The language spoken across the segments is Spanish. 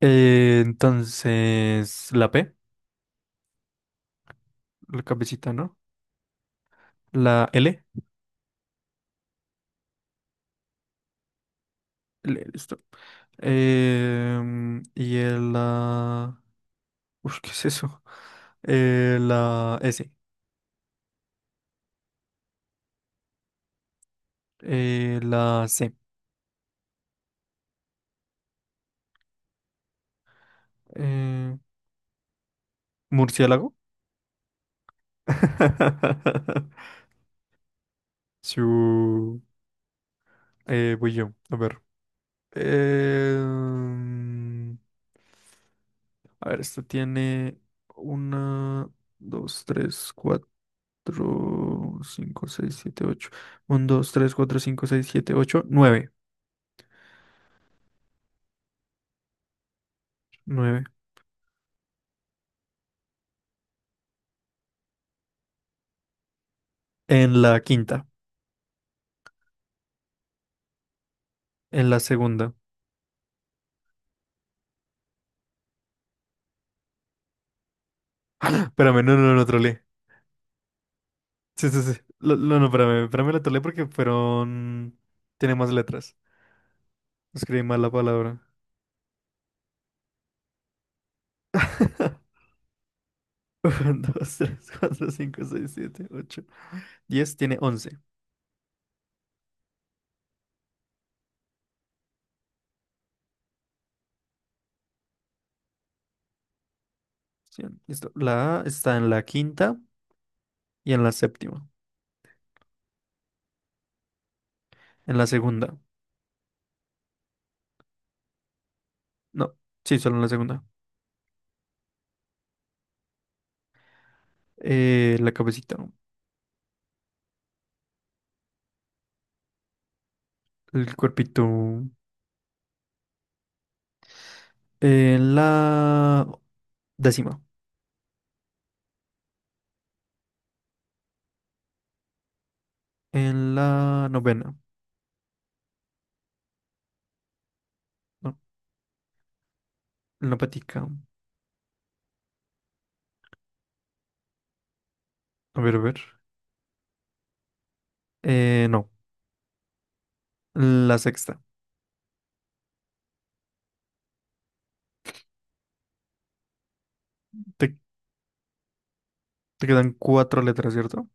Entonces, la P, la cabecita, ¿no? La L, listo. Y el... la, ush, ¿qué es eso? La S, la C. eh, Murciélago. Su... voy yo, a ver. Em, a ver, esto tiene una, dos, tres, cuatro. Cuatro, cinco, seis, siete, ocho. Uno, dos, tres, cuatro, cinco, seis, siete, ocho, nueve. En la quinta. En la segunda. Espérame, no, no, no, trolé. Sí, sí, sí. Lo- No, no, espérame. Espérame, la trolé porque fueron... Tiene más letras. Escribí mal la palabra. Uno, dos, tres, cuatro, cinco, seis, siete, ocho, diez, tiene once. Cien. Listo. La A está en la quinta y en la séptima. En la segunda. No, sí, solo en la segunda. La cabecita. El cuerpito. En la décima. En la novena. No, en la patica. A ver, a ver. No. La sexta. Te, te quedan cuatro letras, ¿cierto?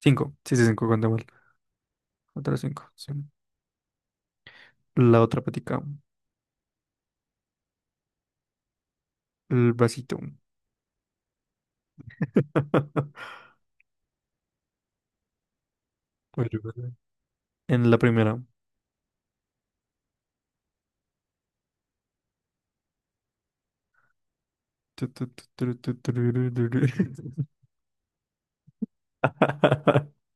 Cinco. Sí, sí, cinco, cuenta mal. Otras cinco, sí. La otra patica. El vasito. Bueno, bueno. En la primera. Tu, ru, ru, ru, ru.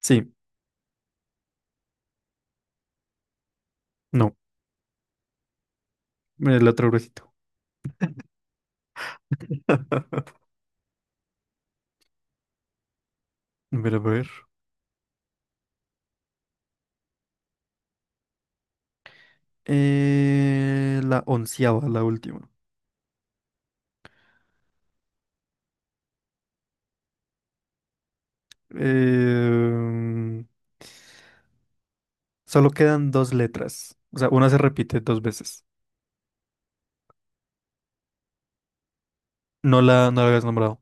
Sí, no. El otro bracito. A ver, a ver. La onceava, la última. Eh, Solo quedan dos letras. O sea, una se repite dos veces. No la habías nombrado.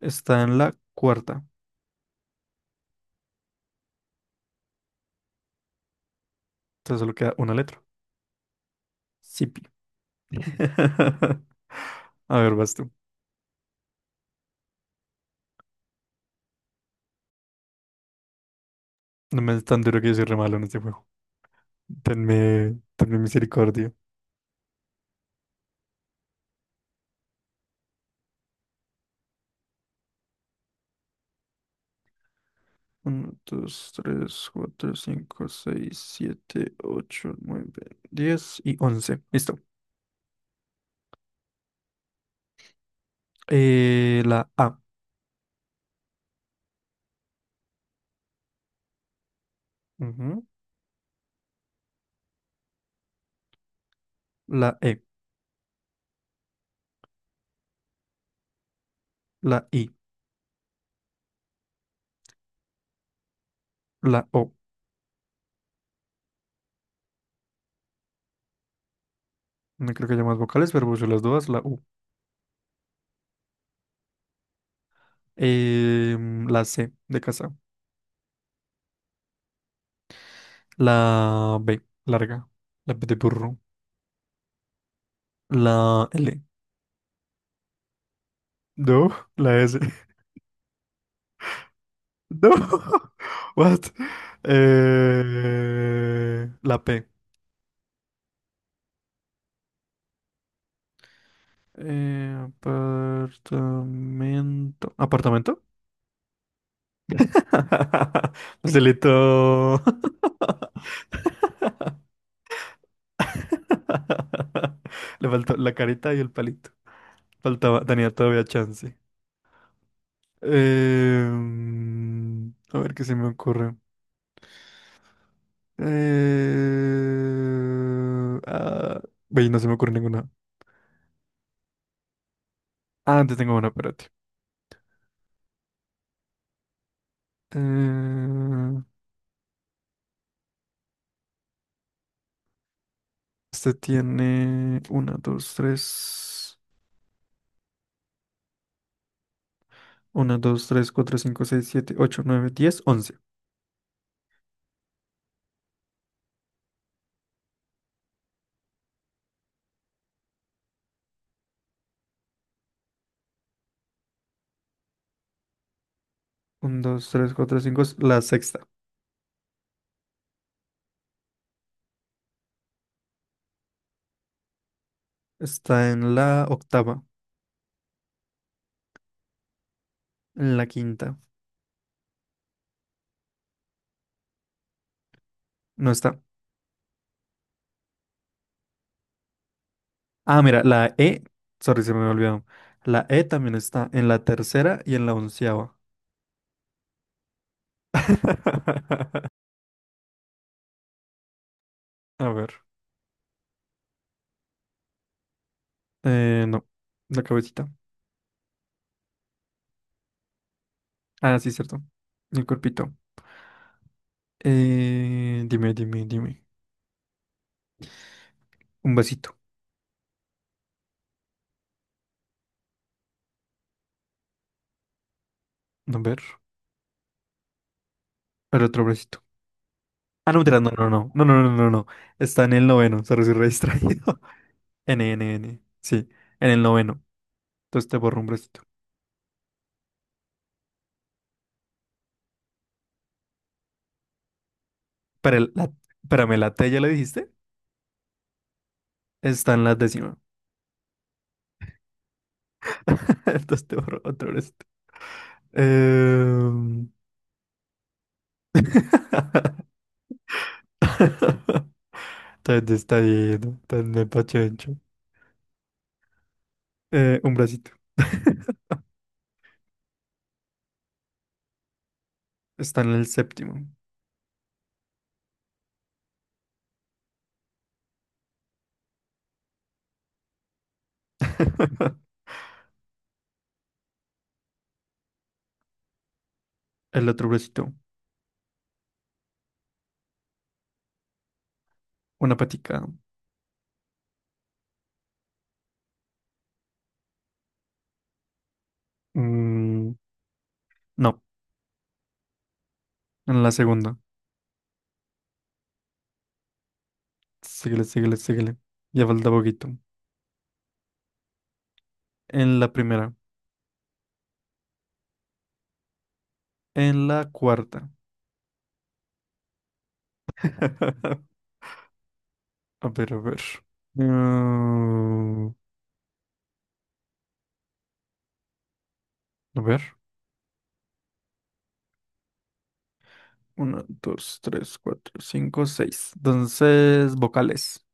Está en la cuarta. Entonces solo queda una letra. Sipi. A ver, vas tú. No me es tan duro que yo soy re malo en este juego. Tenme misericordia. Uno, 2, 3, 4, 5, 6, 7, 8, 9, 10 y 11. Listo. La A. Ujú. La E. La I. La O. No creo que haya más vocales, pero puse las dos, la U. La C de casa. La B, larga. La B de burro. La L. No, la S. No. What? La P. Apartamento. ¿Apartamento? Facilito. Le faltó la carita y el palito. Faltaba, tenía todavía chance. A ver qué se me ocurre. Eh, ah, ve, no se me ocurre ninguna. Ah, antes tengo una, espérate. Eh, este tiene 1, 2, 3. 1, 2, 3, 4, 5, 6, 7, 8, 9, 10, 11. 1, 2, 3, 4, 5, la sexta. Está en la octava. En la quinta. No está. Ah, mira, la E. Sorry, se me había olvidado. La E también está en la tercera y en la onceava. A ver. No. La cabecita. Ah, sí, cierto. El cuerpito. Dime, dime, dime. Un vasito. A ver. El otro vasito. Ah, no, mentira, no, no, no. No, no, no, no, no. Está en el noveno. Se re distraído. N, N, N. Sí, en el noveno. Entonces te borro un bracito. Para el, la, espérame, la T ya le dijiste. Está en la décima. Entonces te borro otro bracito. Em, Tan distraído, tan despachado. Un bracito. Está en el séptimo. El otro bracito. Una patica. Mm, no, en la segunda. Síguele, síguele, síguele. Ya falta poquito. En la primera. En la cuarta. A ver, a ver. Mm, a ver. Una, dos, tres, cuatro, cinco, seis. Entonces, vocales.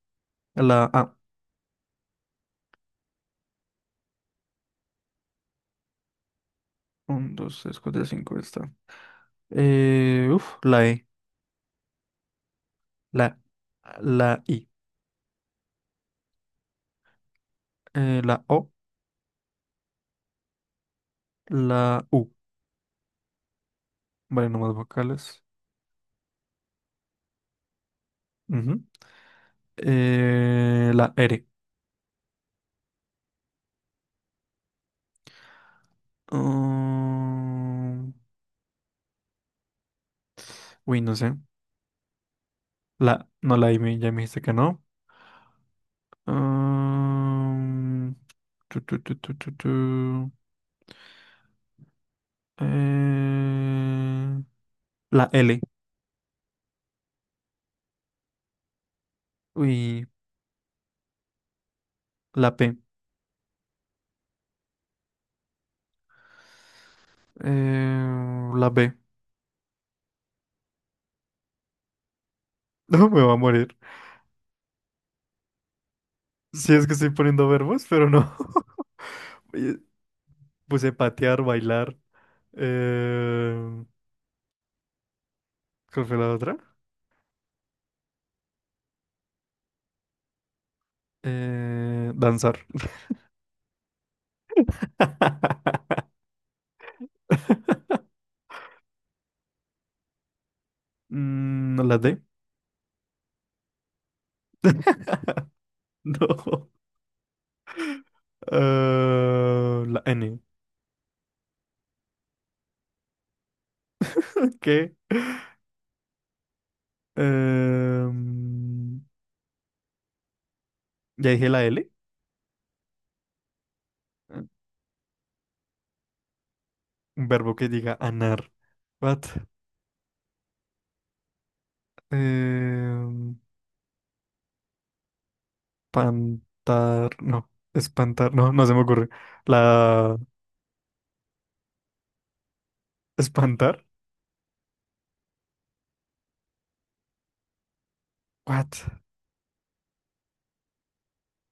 La A. Un, dos, tres, cuatro, cinco. Está. La E. La, la I. La O. La U. Vale, nomás vocales. Ujú. La R. Mm, uy, no sé. La, no, la I me- ya me dijiste que no. Mm, tu, tu, tu, tu, tu, tu. Eh, la L. Uy, la P. La B. No, me va a morir. Si es que estoy poniendo verbos, pero no. Oye, puse patear, bailar. Eh, ¿Cuál fue la otra? Danzar. Mm, no la D. No. La N. ¿Qué? Em, ya dije la L. Un verbo que diga anar. What? Em, Pantar. No. Espantar. No, no se me ocurre. La. Espantar. What?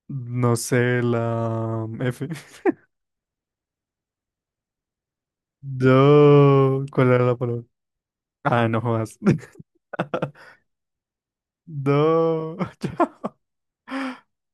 No sé, la F. Yo. ¿Cuál era la palabra? Ah, no jodas. No. Chao.